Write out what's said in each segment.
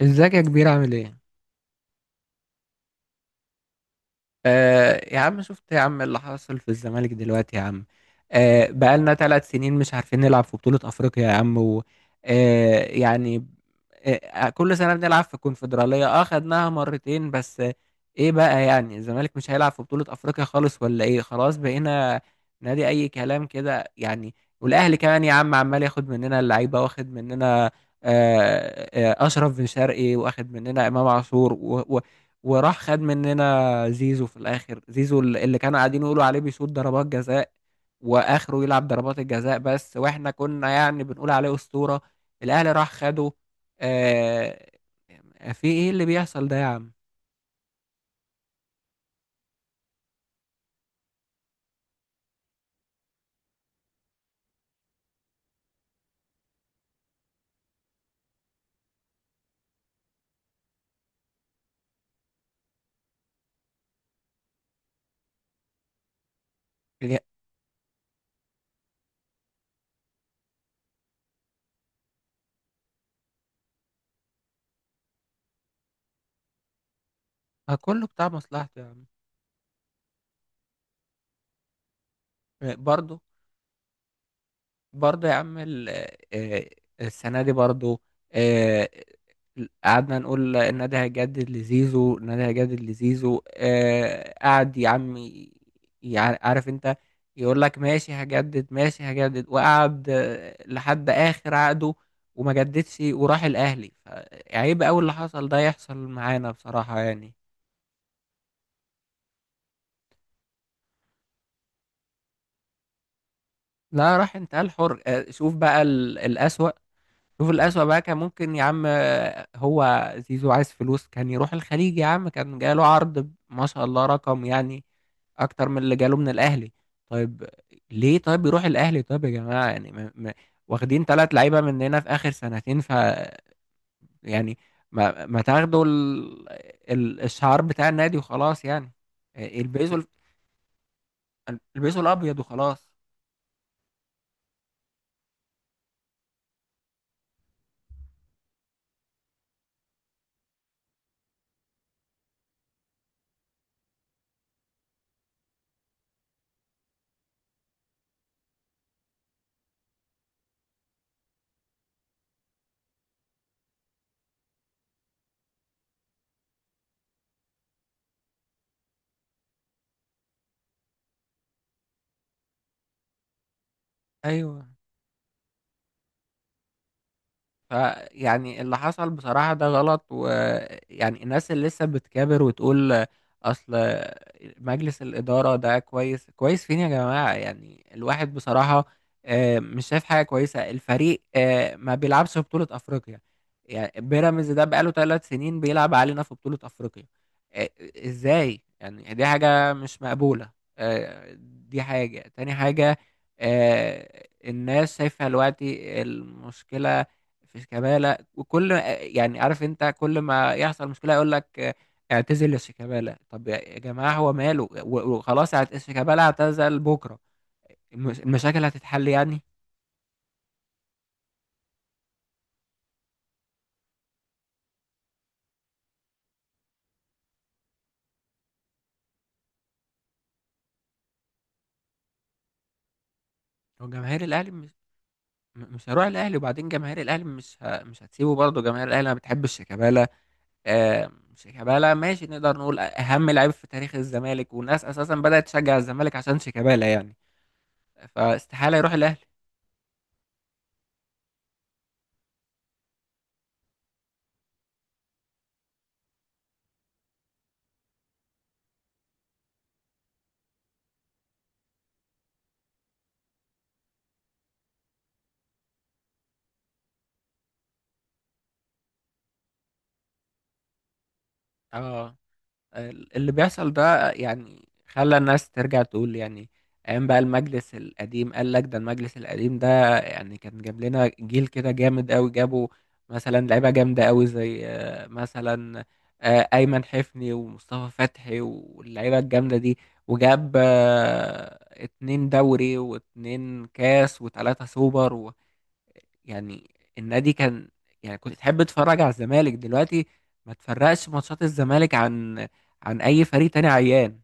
ازيك يا كبير عامل ايه؟ يا عم شفت يا عم اللي حصل في الزمالك دلوقتي يا عم. بقالنا 3 سنين مش عارفين نلعب في بطولة أفريقيا يا عم و يعني كل سنة بنلعب في الكونفدرالية، خدناها مرتين بس. ايه بقى يعني؟ الزمالك مش هيلعب في بطولة أفريقيا خالص ولا ايه؟ خلاص بقينا نادي أي كلام كده يعني. والأهلي كمان يا عم عمال ياخد مننا اللعيبة، واخد مننا أشرف بن شرقي، واخد مننا إمام عاشور، وراح خد مننا زيزو في الاخر. زيزو اللي كانوا قاعدين يقولوا عليه بيصوت ضربات جزاء، واخره يلعب ضربات الجزاء بس، واحنا كنا يعني بنقول عليه اسطورة. الاهلي راح خده. آه في ايه اللي بيحصل ده يا عم؟ يا- ما كله بتاع مصلحته يا عم. برضه. برضه يا عم آه، السنة دي برضه، آه، قعدنا نقول النادي هيجدد لزيزو، النادي هيجدد لزيزو، قعد يا عم عارف انت، يقول لك ماشي هجدد ماشي هجدد، وقعد لحد آخر عقده وما جددش وراح الأهلي. عيب أوي اللي حصل ده يحصل معانا بصراحة يعني. لا راح انتقال حر. شوف بقى الأسوأ. شوف الأسوأ بقى. كان ممكن يا عم، هو زيزو عايز فلوس كان يروح الخليج يا عم، كان جاله عرض ما شاء الله رقم يعني أكتر من اللي جاله من الأهلي. طيب ليه طيب يروح الأهلي؟ طيب يا جماعة يعني ما واخدين ثلاث لعيبة مننا في آخر سنتين، ف يعني ما تاخدوا الشعار بتاع النادي وخلاص يعني. البسوا ال- البسوا الأبيض وخلاص. أيوه، فيعني اللي حصل بصراحة ده غلط، ويعني الناس اللي لسه بتكابر وتقول أصل مجلس الإدارة ده كويس، كويس فين يا جماعة؟ يعني الواحد بصراحة مش شايف حاجة كويسة. الفريق ما بيلعبش في بطولة أفريقيا، يعني بيراميدز ده بقاله 3 سنين بيلعب علينا في بطولة أفريقيا. آه، إزاي يعني؟ دي حاجة مش مقبولة. آه، دي حاجة، تاني حاجة. الناس شايفة دلوقتي المشكلة، مفيش كمالة. وكل يعني عارف انت كل ما يحصل مشكلة يقول لك اعتزل شيكابالا. طب يا جماعة هو ماله؟ وخلاص شيكابالا اعتزل بكرة، المشاكل هتتحل يعني؟ هو جماهير الاهلي مش، مش هروح الاهلي. وبعدين جماهير الاهلي مش هتسيبه، برضه جماهير الاهلي ما بتحبش شيكابالا. شيكابالا ماشي، نقدر نقول اهم لعيب في تاريخ الزمالك، والناس اساسا بدأت تشجع الزمالك عشان شيكابالا يعني، فاستحالة يروح الاهلي. اه اللي بيحصل ده يعني خلى الناس ترجع تقول يعني ايام بقى المجلس القديم. قال لك ده المجلس القديم ده يعني كان جاب لنا جيل كده جامد قوي، جابوا مثلا لعيبه جامده قوي زي مثلا ايمن حفني ومصطفى فتحي واللعيبه الجامده دي، وجاب اتنين دوري واتنين كاس وتلاته سوبر يعني. النادي كان، يعني كنت تحب تتفرج على الزمالك. دلوقتي ما تفرقش ماتشات الزمالك عن عن اي فريق تاني عيان.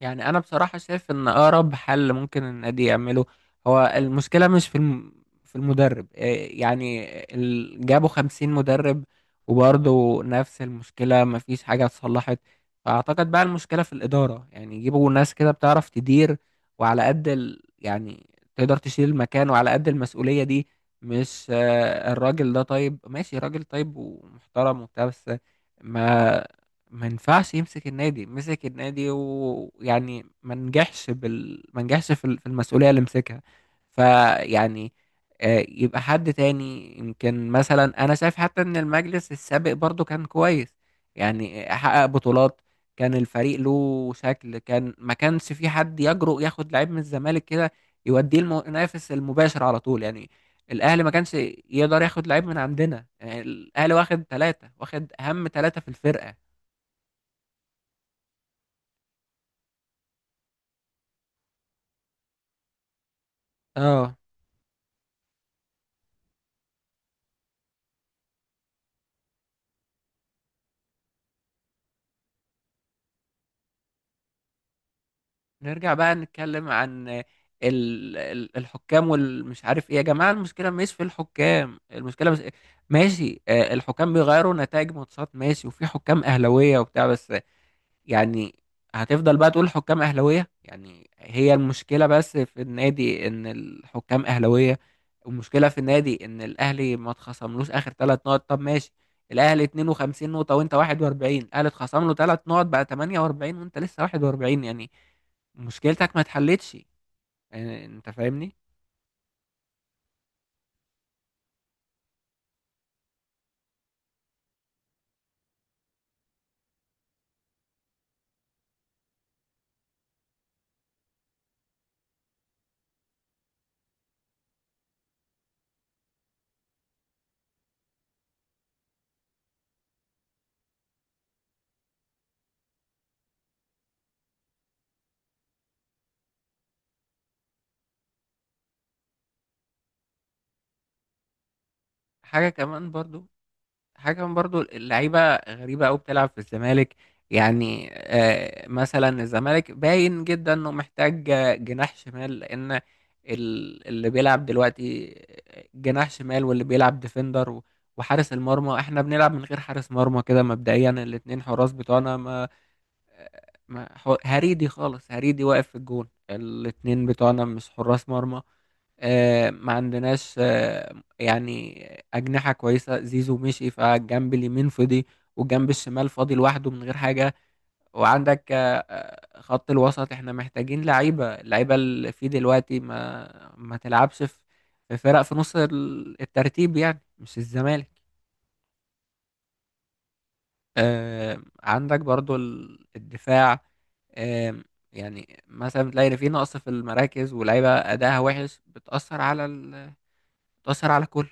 يعني انا بصراحه شايف ان اقرب حل ممكن النادي يعمله، هو المشكله مش في في المدرب، إيه يعني؟ جابوا 50 مدرب وبرضه نفس المشكله، مفيش حاجه اتصلحت. فاعتقد بقى المشكله في الاداره، يعني يجيبوا ناس كده بتعرف تدير وعلى قد يعني تقدر تشيل المكان وعلى قد المسؤوليه دي. مش الراجل ده طيب ماشي، راجل طيب ومحترم وبتاع، بس ما ما ينفعش يمسك النادي. مسك النادي، ويعني ما نجحش في في المسؤولية اللي مسكها. فيعني يبقى حد تاني. يمكن مثلا انا شايف حتى ان المجلس السابق برضو كان كويس، يعني حقق بطولات، كان الفريق له شكل، كان ما كانش في حد يجرؤ ياخد لعيب من الزمالك كده يوديه المنافس المباشر على طول، يعني الاهلي ما كانش يقدر ياخد لعيب من عندنا. يعني الاهلي واخد ثلاثة، واخد اهم ثلاثة في الفرقة. اه نرجع بقى نتكلم عن الحكام والمش عارف ايه. يا جماعة المشكلة مش في الحكام، المشكلة مش ماشي. الحكام بيغيروا نتائج ماتشات ماشي، وفي حكام أهلاوية وبتاع، بس يعني هتفضل بقى تقول حكام أهلاوية؟ يعني هي المشكلة بس في النادي إن الحكام أهلاوية؟ المشكلة في النادي إن الأهلي ما اتخصملوش آخر 3 نقط. طب ماشي، الأهلي 52 نقطة وأنت 41، الأهلي اتخصم له 3 نقط بقى 48 وأنت لسه 41، يعني مشكلتك ما اتحلتش. يعني أنت فاهمني؟ حاجة كمان برضو حاجة كمان برضو، اللعيبة غريبة أوي بتلعب في الزمالك. يعني مثلا الزمالك باين جدا إنه محتاج جناح شمال، لأن اللي بيلعب دلوقتي جناح شمال واللي بيلعب ديفندر وحارس المرمى، احنا بنلعب من غير حارس مرمى كده مبدئيا. الاتنين حراس بتوعنا، ما هريدي خالص، هريدي واقف في الجون. الاتنين بتوعنا مش حراس مرمى. ما عندناش يعني أجنحة كويسة. زيزو مشي، فالجنب اليمين فضي والجنب الشمال فاضي لوحده من غير حاجة. وعندك خط الوسط، احنا محتاجين لعيبة. اللعيبة اللي فيه دلوقتي ما تلعبش في، في فرق في نص الترتيب يعني، مش الزمالك. عندك برضو الدفاع، آم، يعني مثلا بتلاقي في نقص في المراكز ولعيبة أداها وحش بتأثر على بتأثر على كله.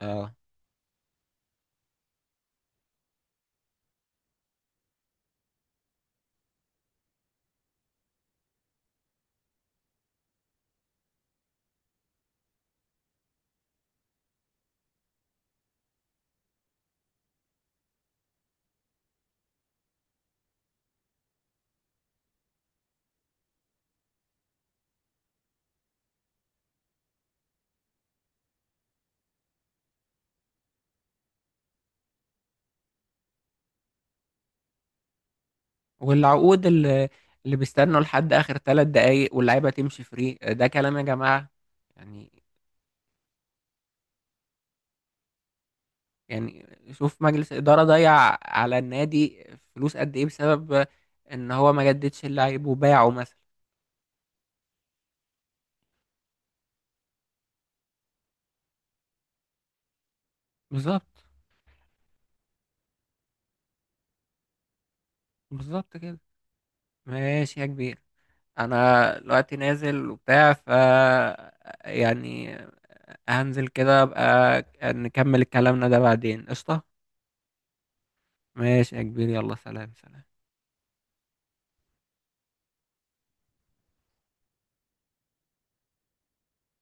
اه والعقود اللي بيستنوا لحد اخر 3 دقايق واللعيبه تمشي فري، ده كلام يا جماعه يعني يعني شوف مجلس اداره ضيع على النادي فلوس قد ايه بسبب ان هو ما جددش اللعيب وباعه مثلا. بالظبط. بالظبط كده. ماشي يا كبير، انا دلوقتي نازل وبتاع ف يعني هنزل كده. ابقى نكمل كلامنا ده بعدين قشطه. ماشي يا كبير، يلا سلام سلام.